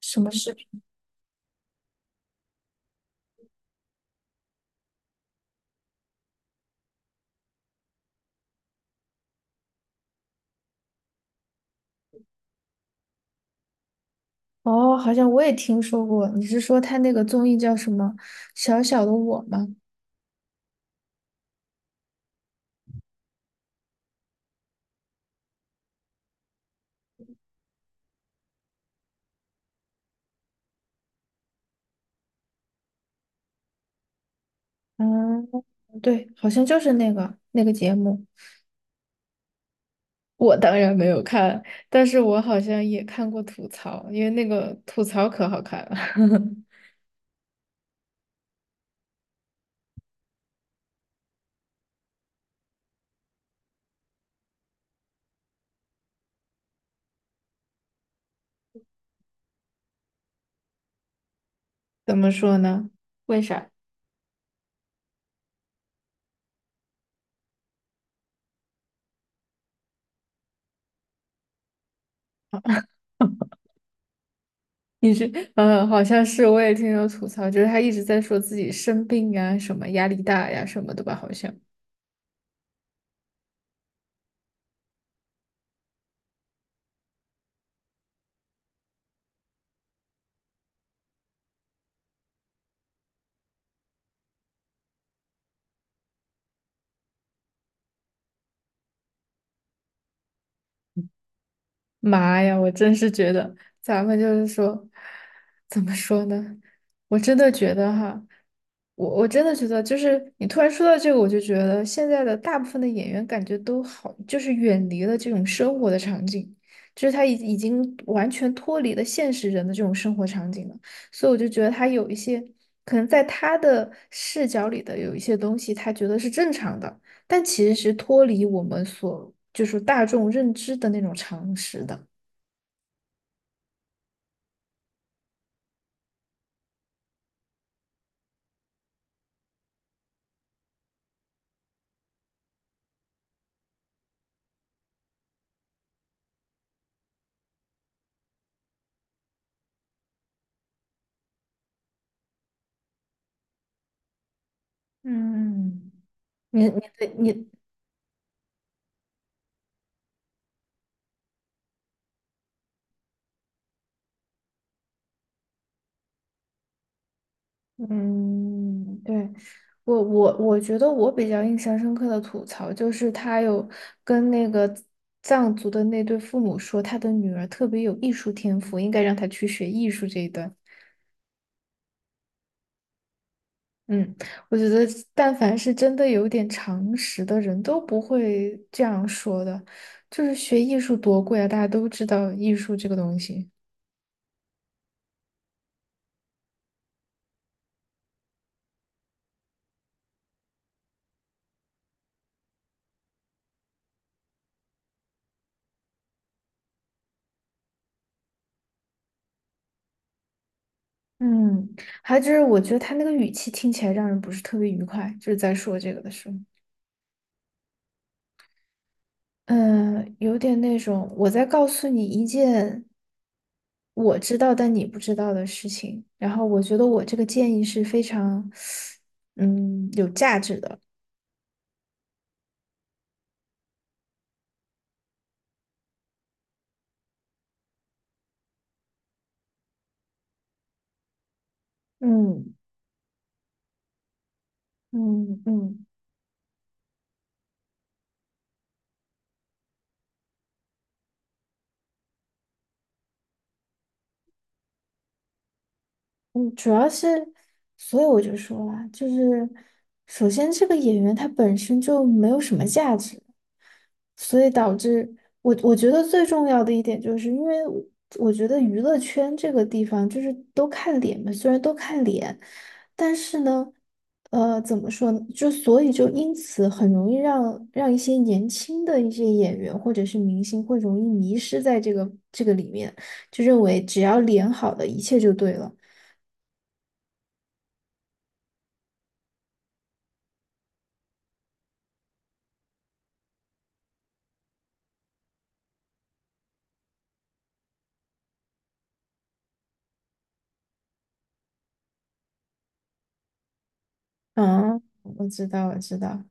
什么视频？哦，好像我也听说过。你是说他那个综艺叫什么《小小的我》吗？嗯，对，好像就是那个节目。我当然没有看，但是我好像也看过吐槽，因为那个吐槽可好看了。怎么说呢？为啥？你是，嗯，好像是，我也听人吐槽，就是他一直在说自己生病啊，什么压力大呀、什么的吧，好像。妈呀，我真是觉得咱们就是说，怎么说呢？我真的觉得哈，我真的觉得，就是你突然说到这个，我就觉得现在的大部分的演员感觉都好，就是远离了这种生活的场景，就是他已经完全脱离了现实人的这种生活场景了。所以我就觉得他有一些可能在他的视角里的有一些东西，他觉得是正常的。但其实是脱离我们所就是大众认知的那种常识的。嗯，你你对你，嗯，对，我觉得我比较印象深刻的吐槽就是他有跟那个藏族的那对父母说他的女儿特别有艺术天赋，应该让她去学艺术这一段。嗯，我觉得但凡是真的有点常识的人都不会这样说的。就是学艺术多贵啊，大家都知道艺术这个东西。嗯，还有就是我觉得他那个语气听起来让人不是特别愉快，就是在说这个的时候，嗯，有点那种我在告诉你一件我知道但你不知道的事情，然后我觉得我这个建议是非常，嗯，有价值的。嗯嗯嗯。嗯，主要是，所以我就说啦，就是首先这个演员他本身就没有什么价值，所以导致我觉得最重要的一点就是因为我，我觉得娱乐圈这个地方就是都看脸嘛，虽然都看脸，但是呢，怎么说呢？就所以就因此很容易让一些年轻的一些演员或者是明星会容易迷失在这个里面，就认为只要脸好的一切就对了。嗯，我知道，我知道。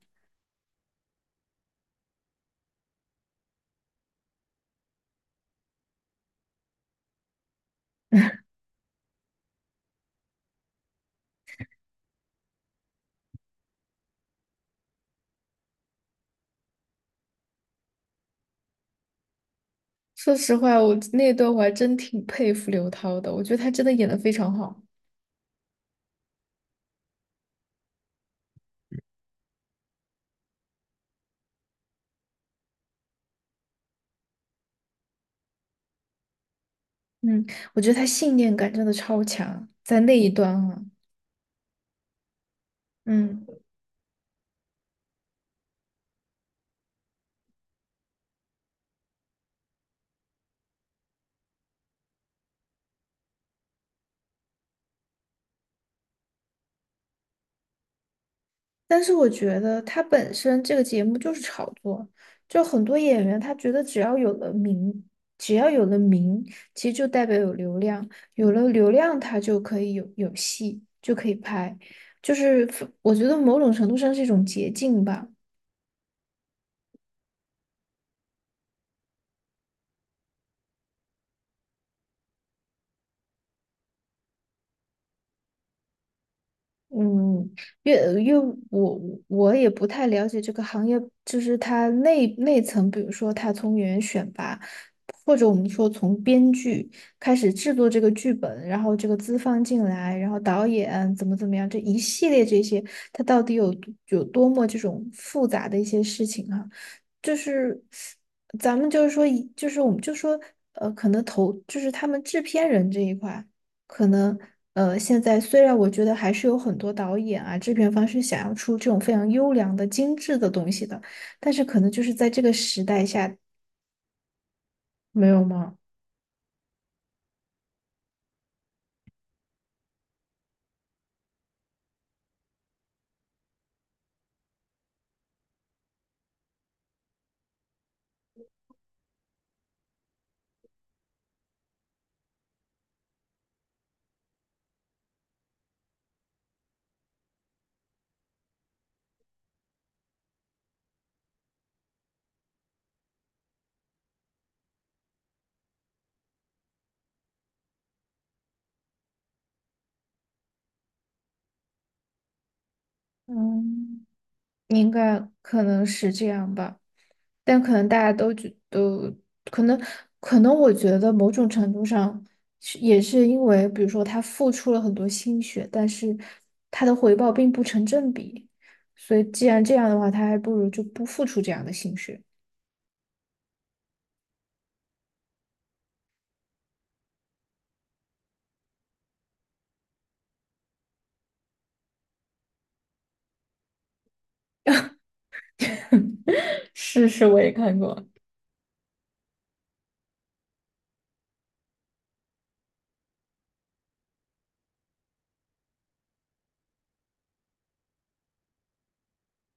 说实话，我那段我还真挺佩服刘涛的，我觉得她真的演的非常好。嗯，我觉得她信念感真的超强，在那一段啊，嗯。但是我觉得她本身这个节目就是炒作，就很多演员他觉得只要有了名，只要有了名，其实就代表有流量，有了流量他就可以有戏，就可以拍，就是我觉得某种程度上是一种捷径吧。嗯，因为我，我也不太了解这个行业，就是它内层，比如说它从演员选拔，或者我们说从编剧开始制作这个剧本，然后这个资方进来，然后导演怎么怎么样，这一系列这些，它到底有多么这种复杂的一些事情啊？就是咱们就是说以，就是我们就说，可能投就是他们制片人这一块。可能，现在虽然我觉得还是有很多导演啊、制片方是想要出这种非常优良的、精致的东西的，但是可能就是在这个时代下，没有吗？嗯，应该可能是这样吧，但可能大家都觉都可能，可能，我觉得某种程度上是也是因为，比如说他付出了很多心血，但是他的回报并不成正比，所以既然这样的话，他还不如就不付出这样的心血。是是，我也看过。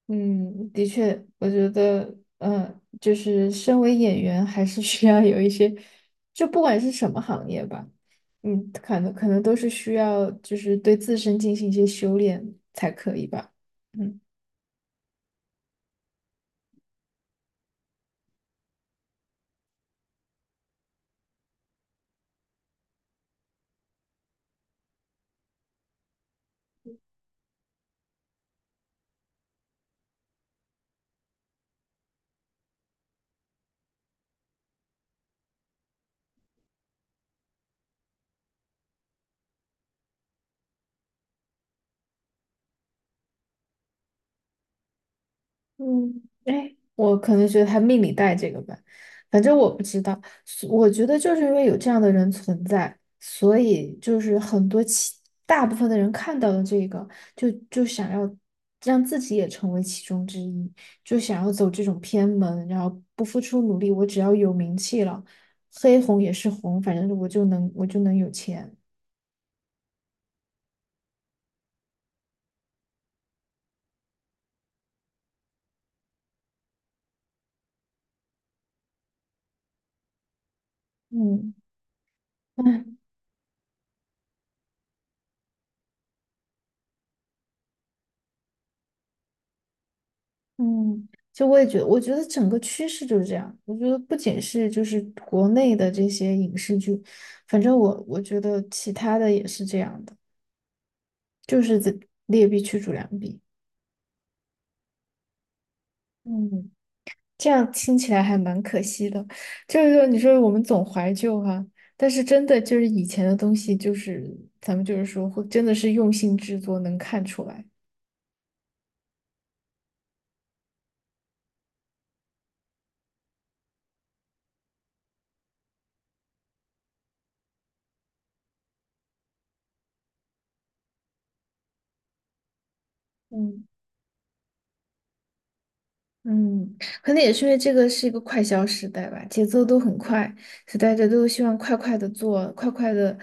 嗯，的确，我觉得，嗯，就是身为演员，还是需要有一些，就不管是什么行业吧，嗯，可能都是需要，就是对自身进行一些修炼才可以吧。嗯。嗯，哎，我可能觉得他命里带这个吧，反正我不知道。所我觉得就是因为有这样的人存在，所以就是很多其大部分的人看到了这个，就想要让自己也成为其中之一，就想要走这种偏门，然后不付出努力，我只要有名气了，黑红也是红，反正我就能有钱。嗯。嗯，就我也觉得，我觉得整个趋势就是这样。我觉得不仅是就是国内的这些影视剧，反正我觉得其他的也是这样的，就是这劣币驱逐良币。嗯，这样听起来还蛮可惜的。就是说，你说我们总怀旧哈、但是真的就是以前的东西，就是咱们就是说，会真的是用心制作，能看出来。嗯。嗯，可能也是因为这个是一个快消时代吧，节奏都很快，所以大家都希望快快的做，快快的，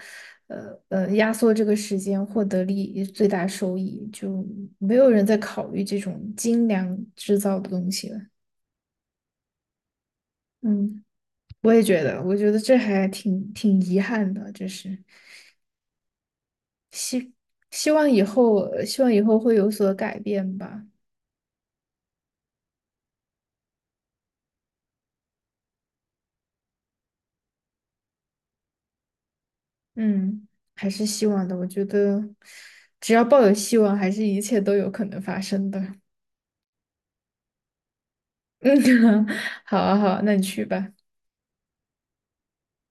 压缩这个时间，获得利益最大收益，就没有人在考虑这种精良制造的东西了。嗯，我也觉得，我觉得这还挺遗憾的，就是希望以后，希望以后会有所改变吧。嗯，还是希望的，我觉得只要抱有希望，还是一切都有可能发生的。嗯，好啊，好啊，那你去吧。